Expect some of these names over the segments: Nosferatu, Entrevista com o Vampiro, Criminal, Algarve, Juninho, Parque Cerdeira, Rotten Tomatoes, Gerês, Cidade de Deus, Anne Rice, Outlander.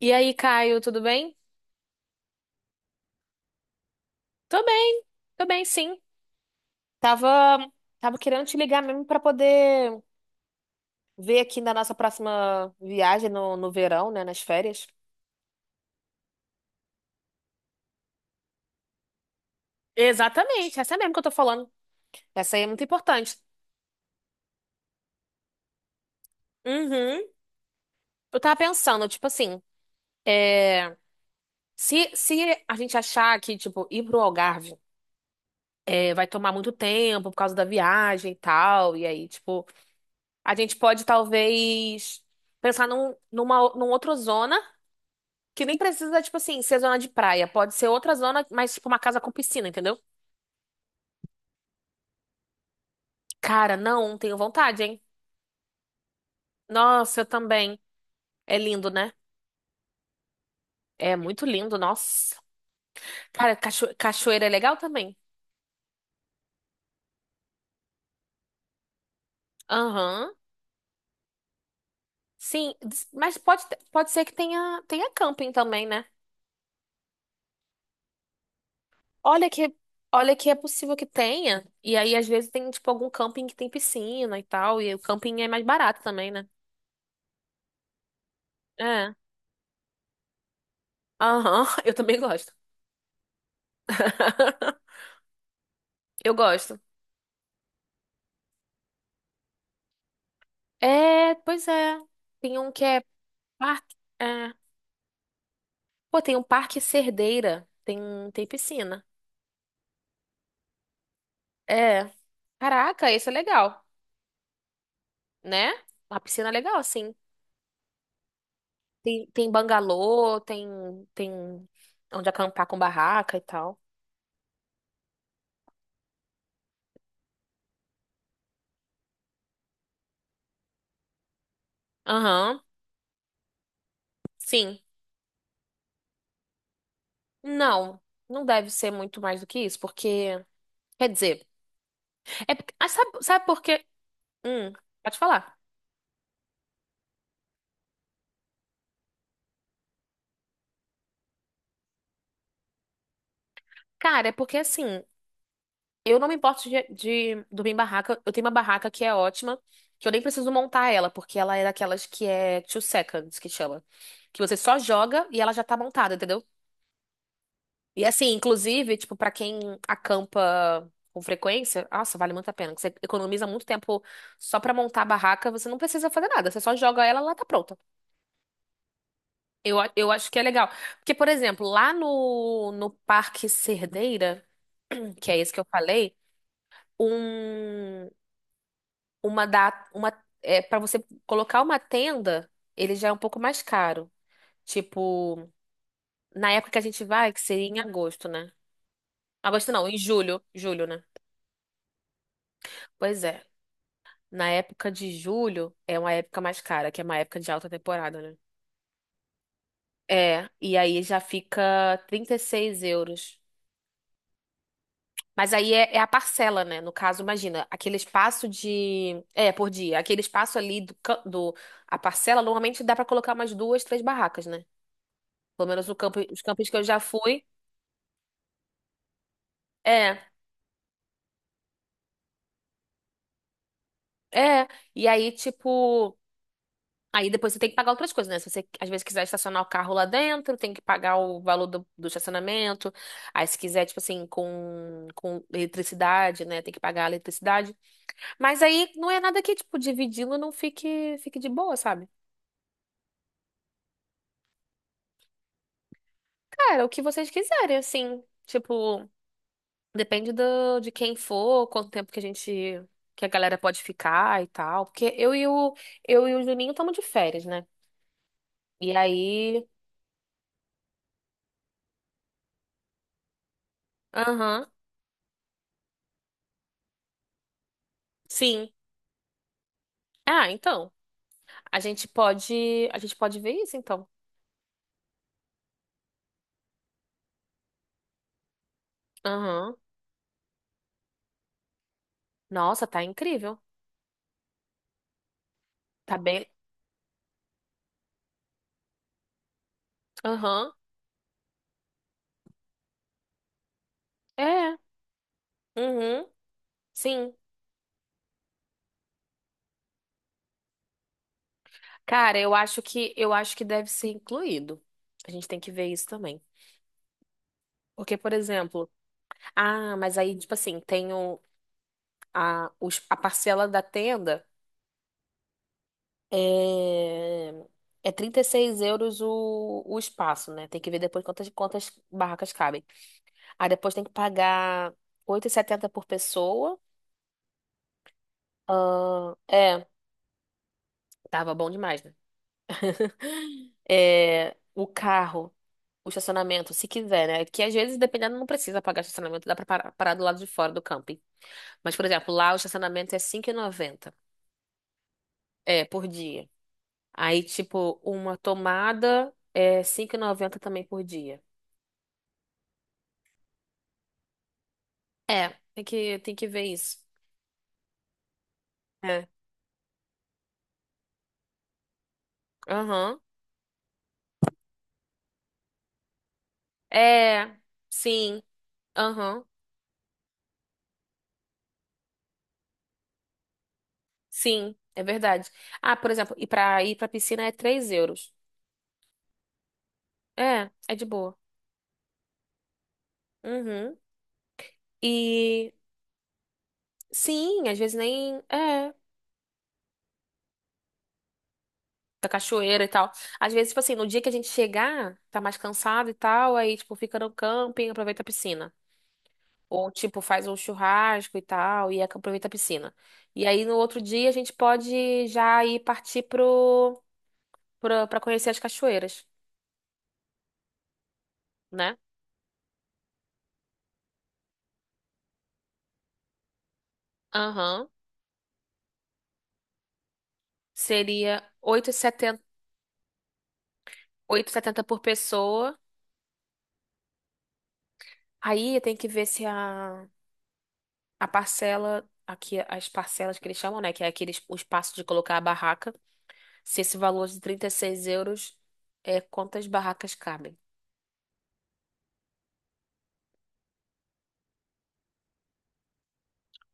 E aí, Caio, tudo bem? Tô bem, tô bem, sim. Tava, tava querendo te ligar mesmo pra poder ver aqui na nossa próxima viagem no verão, né, nas férias. Exatamente, essa mesmo que eu tô falando. Essa aí é muito importante. Uhum. Eu tava pensando, tipo assim, é, se a gente achar que, tipo, ir pro Algarve é, vai tomar muito tempo por causa da viagem e tal, e aí, tipo, a gente pode talvez pensar num outra zona. Que nem precisa, tipo assim, ser zona de praia. Pode ser outra zona, mas tipo uma casa com piscina, entendeu? Cara, não, tenho vontade, hein? Nossa, eu também. É lindo, né? É muito lindo, nossa. Cara, cachoeira é legal também. Aham. Sim, mas pode, pode ser que tenha camping também, né? Olha que, olha que é possível que tenha. E aí, às vezes, tem, tipo, algum camping que tem piscina e tal. E o camping é mais barato também, né? É. Aham, eu também gosto. Eu gosto. É, pois é. Tem um que é parque. É. Pô, tem um parque Cerdeira. Tem, tem piscina. É. Caraca, esse é legal, né? Uma piscina é legal, assim. Tem bangalô, tem, tem onde acampar com barraca e tal. Aham, sim. Não, não deve ser muito mais do que isso, porque. Quer dizer, é, porque- ah, sabe por quê? Hum, pode falar. Cara, é porque assim. Eu não me importo de dormir em barraca. Eu tenho uma barraca que é ótima, que eu nem preciso montar ela, porque ela é daquelas que é two seconds, que chama. Que você só joga e ela já tá montada, entendeu? E assim, inclusive, tipo, pra quem acampa com frequência, nossa, vale muito a pena. Que você economiza muito tempo só pra montar a barraca, você não precisa fazer nada, você só joga ela e ela tá pronta. Eu acho que é legal. Porque, por exemplo, lá no Parque Cerdeira, que é esse que eu falei, um. Uma da uma é, para você colocar uma tenda, ele já é um pouco mais caro. Tipo, na época que a gente vai, que seria em agosto, né? Agosto não, em julho, né? Pois é. Na época de julho é uma época mais cara, que é uma época de alta temporada, né? É, e aí já fica 36 euros. Mas aí é, é a parcela, né? No caso, imagina, aquele espaço de. É, por dia. Aquele espaço ali do, do. A parcela, normalmente dá pra colocar umas duas, três barracas, né? Pelo menos o campo, os campos que eu já fui. É, é. E aí, tipo. Aí depois você tem que pagar outras coisas, né? Se você, às vezes, quiser estacionar o carro lá dentro, tem que pagar o valor do estacionamento. Aí, se quiser, tipo assim, com eletricidade, né? Tem que pagar a eletricidade. Mas aí não é nada que, tipo, dividindo não fique de boa, sabe? Cara, o que vocês quiserem, assim. Tipo. Depende do, de quem for, quanto tempo que que a galera pode ficar e tal. Porque eu e o Juninho estamos de férias, né? E aí, aham, sim. Ah, então, a gente pode ver isso, então. Aham. Nossa, tá incrível. Tá bem. Aham. É. Uhum. Sim. Cara, eu acho que deve ser incluído. A gente tem que ver isso também. Porque, por exemplo, ah, mas aí, tipo assim, tem o, a parcela da tenda. É, é 36 euros o espaço, né? Tem que ver depois quantas barracas cabem. Aí depois tem que pagar 8,70 por pessoa. Ah, é, tava bom demais, né? É, o carro, o estacionamento, se quiser, né? Que às vezes, dependendo, não precisa pagar estacionamento, dá pra parar, parar do lado de fora do camping. Mas, por exemplo, lá o estacionamento é 5,90 é, por dia. Aí, tipo, uma tomada é 5,90 também por dia. É, tem que ver isso. É. Aham. É, sim. Aham. Sim, é verdade. Ah, por exemplo, e pra ir pra piscina é 3 euros. É, é de boa. Uhum. E sim, às vezes nem. É, da cachoeira e tal. Às vezes, tipo assim, no dia que a gente chegar, tá mais cansado e tal, aí, tipo, fica no camping, aproveita a piscina. Ou, tipo, faz um churrasco e tal, e aproveita a piscina. E aí, no outro dia, a gente pode já ir partir pro. Pra, pra conhecer as cachoeiras, né? Aham. Seria 8,70 8,70 por pessoa. Aí tem que ver se a, a parcela, aqui as parcelas que eles chamam, né? Que é aquele o espaço de colocar a barraca. Se esse valor de 36 euros é quantas barracas cabem.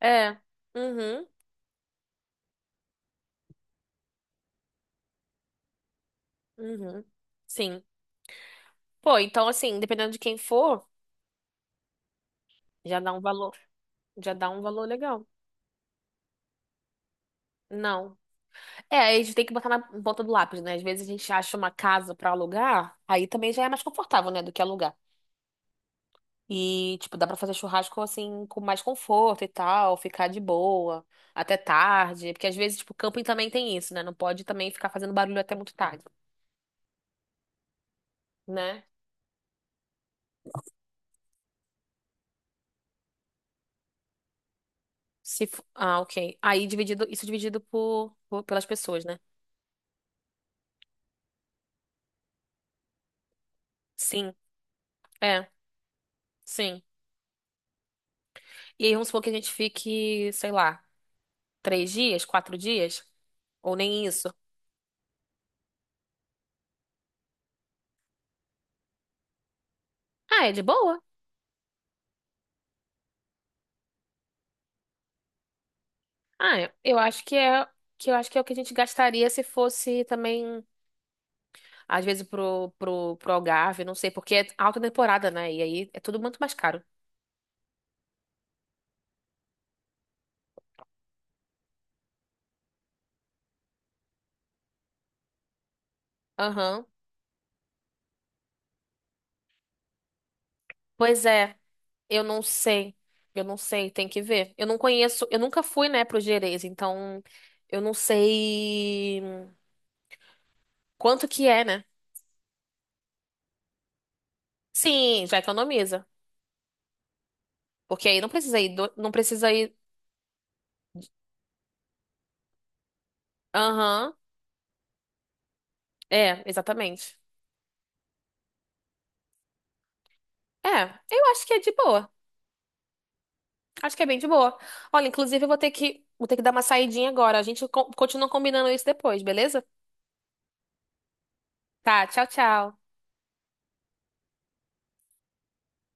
É. Uhum. Uhum. Sim. Pô, então assim, dependendo de quem for, já dá um valor, já dá um valor legal. Não. É, aí a gente tem que botar na ponta do lápis, né? Às vezes a gente acha uma casa pra alugar, aí também já é mais confortável, né, do que alugar. E, tipo, dá pra fazer churrasco assim, com mais conforto e tal, ficar de boa, até tarde. Porque às vezes, tipo, camping também tem isso, né? Não pode também ficar fazendo barulho até muito tarde, né? Se... fo- Ah, ok. Aí dividido, isso dividido pelas pessoas, né? Sim, é, sim. E aí vamos supor que a gente fique, sei lá, três dias, quatro dias, ou nem isso. Ah, é de boa? Ah, eu acho que é que eu acho que é o que a gente gastaria se fosse também, às vezes, pro Algarve, não sei, porque é alta temporada, né? E aí é tudo muito mais caro. Aham. Pois é, eu não sei. Eu não sei, tem que ver. Eu não conheço, eu nunca fui, né, pro Gerês, então eu não sei quanto que é, né? Sim, já economiza. Porque aí não precisa ir, não precisa ir. Aham. É, exatamente. É, eu acho que é de boa. Acho que é bem de boa. Olha, inclusive eu vou ter que dar uma saidinha agora. A gente continua combinando isso depois, beleza? Tá, tchau, tchau.